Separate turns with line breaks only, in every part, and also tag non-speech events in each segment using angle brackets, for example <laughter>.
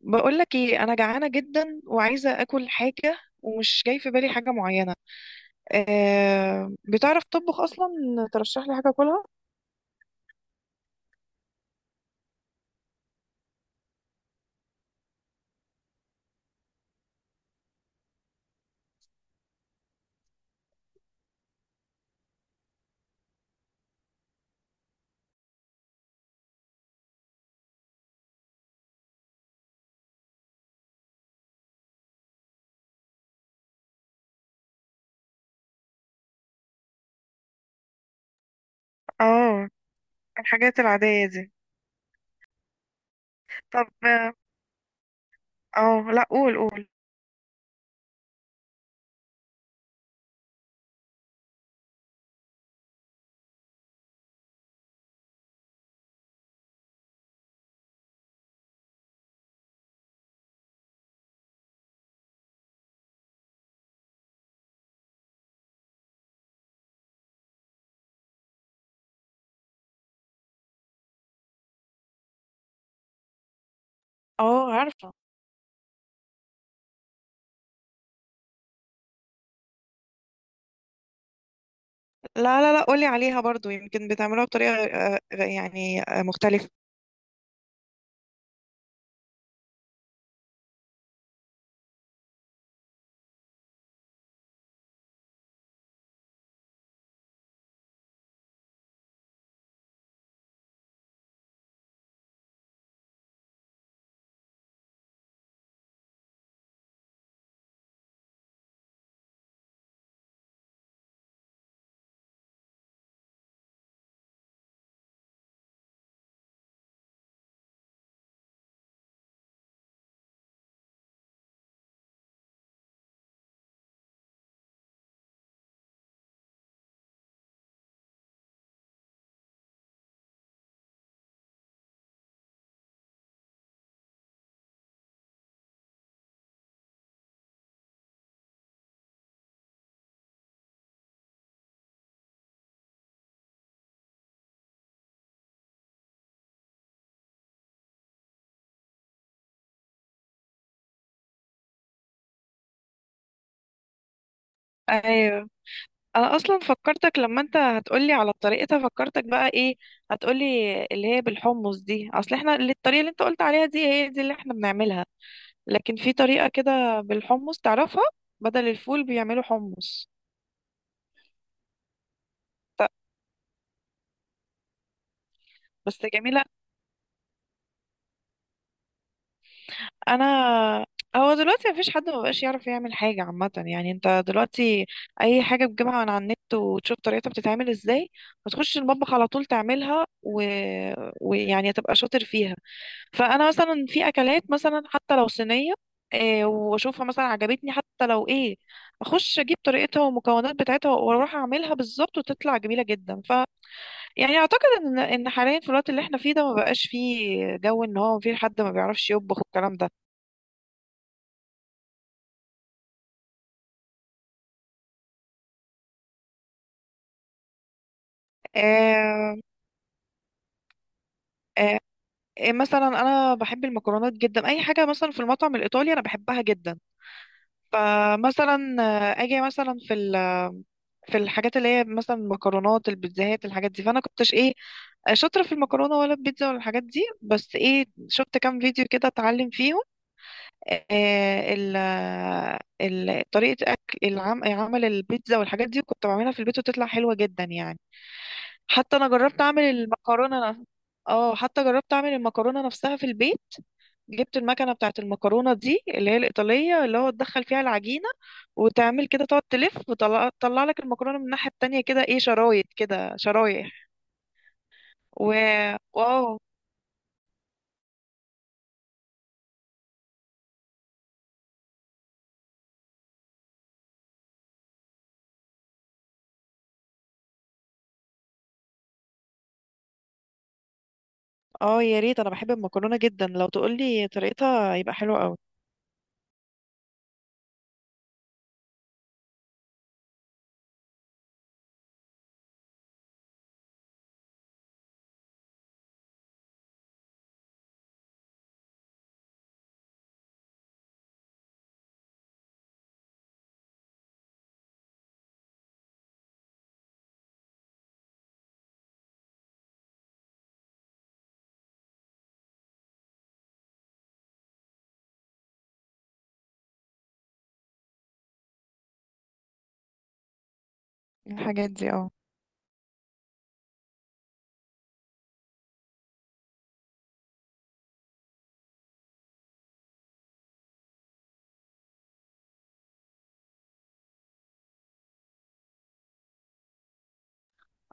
بقولك ايه، انا جعانه جدا وعايزه اكل حاجه، ومش جاي في بالي حاجه معينه. أه، بتعرف تطبخ اصلا؟ ترشح لي حاجه اكلها. اه. الحاجات العادية دي. طب، اه. آه، لا، قول قول. اه، عارفه. لا لا لا، قولي عليها برضو، يمكن بتعملوها بطريقه يعني مختلفه. ايوه. انا اصلا فكرتك لما انت هتقولي على طريقتها، فكرتك بقى ايه هتقولي؟ اللي هي بالحمص دي. اصل احنا الطريقه اللي انت قلت عليها دي هي دي اللي احنا بنعملها، لكن في طريقة كده بالحمص، تعرفها؟ بدل الفول بيعملوا حمص. ط- بس جميلة. أنا، هو دلوقتي مفيش حد مبقاش يعرف يعمل حاجة، عامة يعني انت دلوقتي أي حاجة بتجيبها من على النت وتشوف طريقتها بتتعمل ازاي وتخش المطبخ على طول تعملها ويعني تبقى شاطر فيها. فأنا مثلا في أكلات، مثلا حتى لو صينية، إيه واشوفها مثلا عجبتني، حتى لو ايه اخش اجيب طريقتها والمكونات بتاعتها واروح اعملها بالظبط وتطلع جميله جدا. يعني اعتقد ان حاليا في الوقت اللي احنا فيه ده ما بقاش فيه جو ان هو في حد ما بيعرفش يطبخ والكلام ده. آه. آه. مثلا انا بحب المكرونات جدا، اي حاجه مثلا في المطعم الايطالي انا بحبها جدا. فمثلا اجي مثلا في الحاجات اللي هي مثلا المكرونات، البيتزاهات، الحاجات دي، فانا كنتش ايه شاطره في المكرونه ولا البيتزا ولا الحاجات دي، بس ايه شفت كام فيديو كده اتعلم فيهم آه، ال ال طريقة أكل عمل البيتزا والحاجات دي كنت بعملها في البيت وتطلع حلوة جدا يعني. حتى أنا جربت أعمل المكرونة. حتى جربت أعمل المكرونة نفسها في البيت. جبت المكنة بتاعة المكرونة دي اللي هي الإيطالية، اللي هو تدخل فيها العجينة وتعمل كده، تقعد تلف وتطلع لك المكرونة من الناحية التانية، كده ايه، شرايط كده، شرايح. و واو. اه يا ريت، انا بحب المكرونة جدا، لو تقولي طريقتها يبقى حلو قوي. الحاجات دي اه.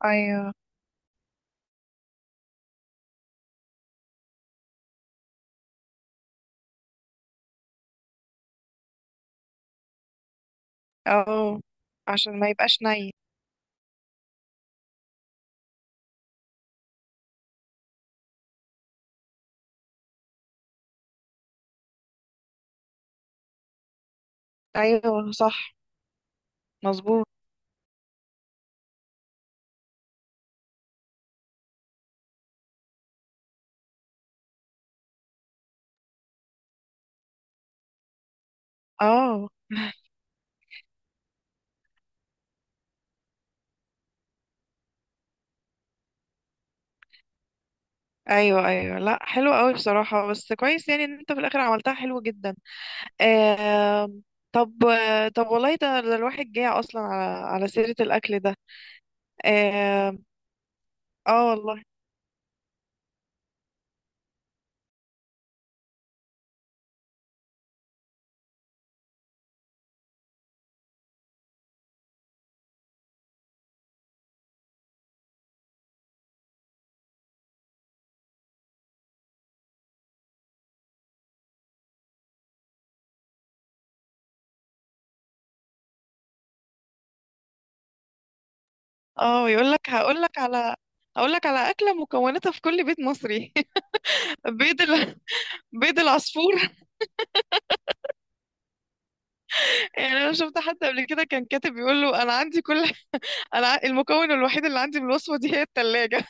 ايوه اه، عشان ما يبقاش ني. ايوه صح، مظبوط. اه، ايوه ايوه، لا حلو قوي بصراحه، بس كويس يعني ان انت في الاخر عملتها حلو جدا. آم، طب طب والله، ده الواحد جاي اصلا على سيره الاكل ده. آم، اه والله. اه. يقول لك، هقول لك على اكله مكوناتها في كل بيت مصري. <laughs> بيض ال... بيض العصفور. <laughs> يعني انا شفت حد قبل كده كان كاتب بيقول له، انا عندي كل، انا المكون الوحيد اللي عندي من الوصفه دي هي الثلاجه.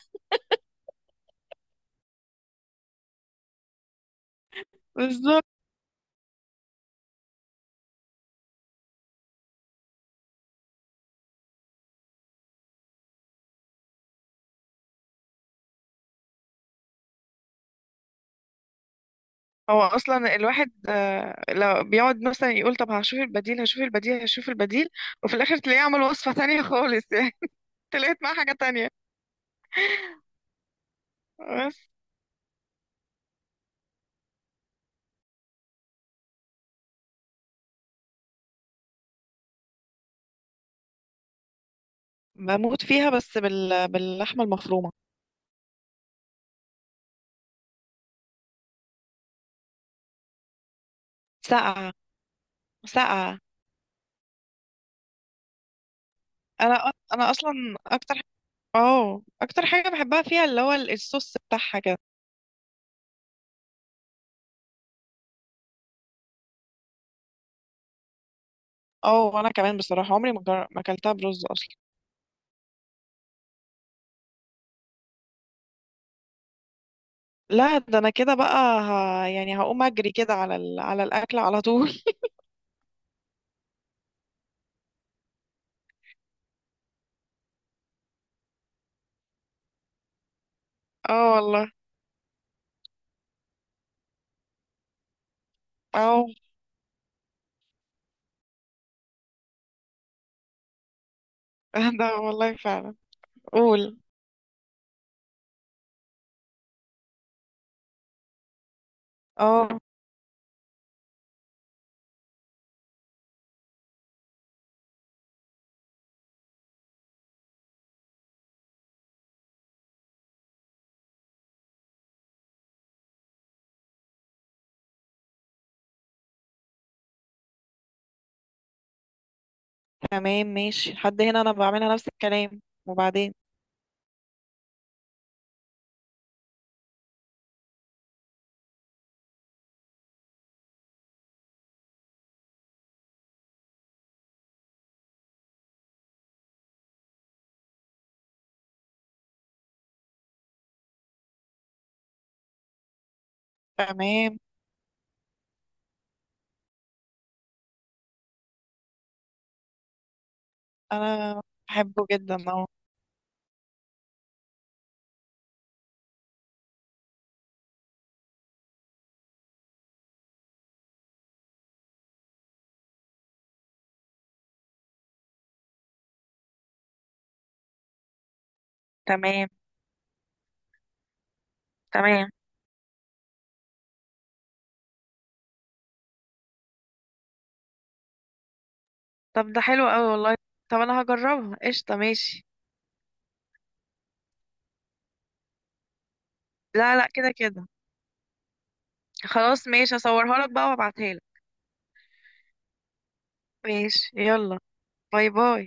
بالظبط. هو اصلا الواحد لو بيقعد مثلا يقول طب هشوف البديل، هشوف البديل، هشوف البديل، وفي الاخر تلاقيه عمل وصفة تانية خالص يعني. <laughs> طلعت معاه حاجة تانية. بس بموت فيها، بس باللحمة المفرومة. ساقعة. ساقعة. انا اصلا اكتر، اه اكتر حاجة بحبها فيها اللي هو الصوص بتاعها كده. اه وانا كمان بصراحة عمري ما اكلتها برز اصلا. لا، ده انا كده بقى يعني هقوم اجري كده على الاكل على طول. <laughs> اه والله. اه. <laughs> ده والله فعلا. قول. اه، تمام ماشي لحد هنا، انا بعملها نفس الكلام وبعدين. تمام. انا بحبه جدا اه. تمام. تمام. طب ده حلو قوي والله. طب انا هجربها، قشطة ماشي. لا لا، كده كده. خلاص ماشي، اصورها لك بقى وابعتها لك. ماشي يلا. باي باي.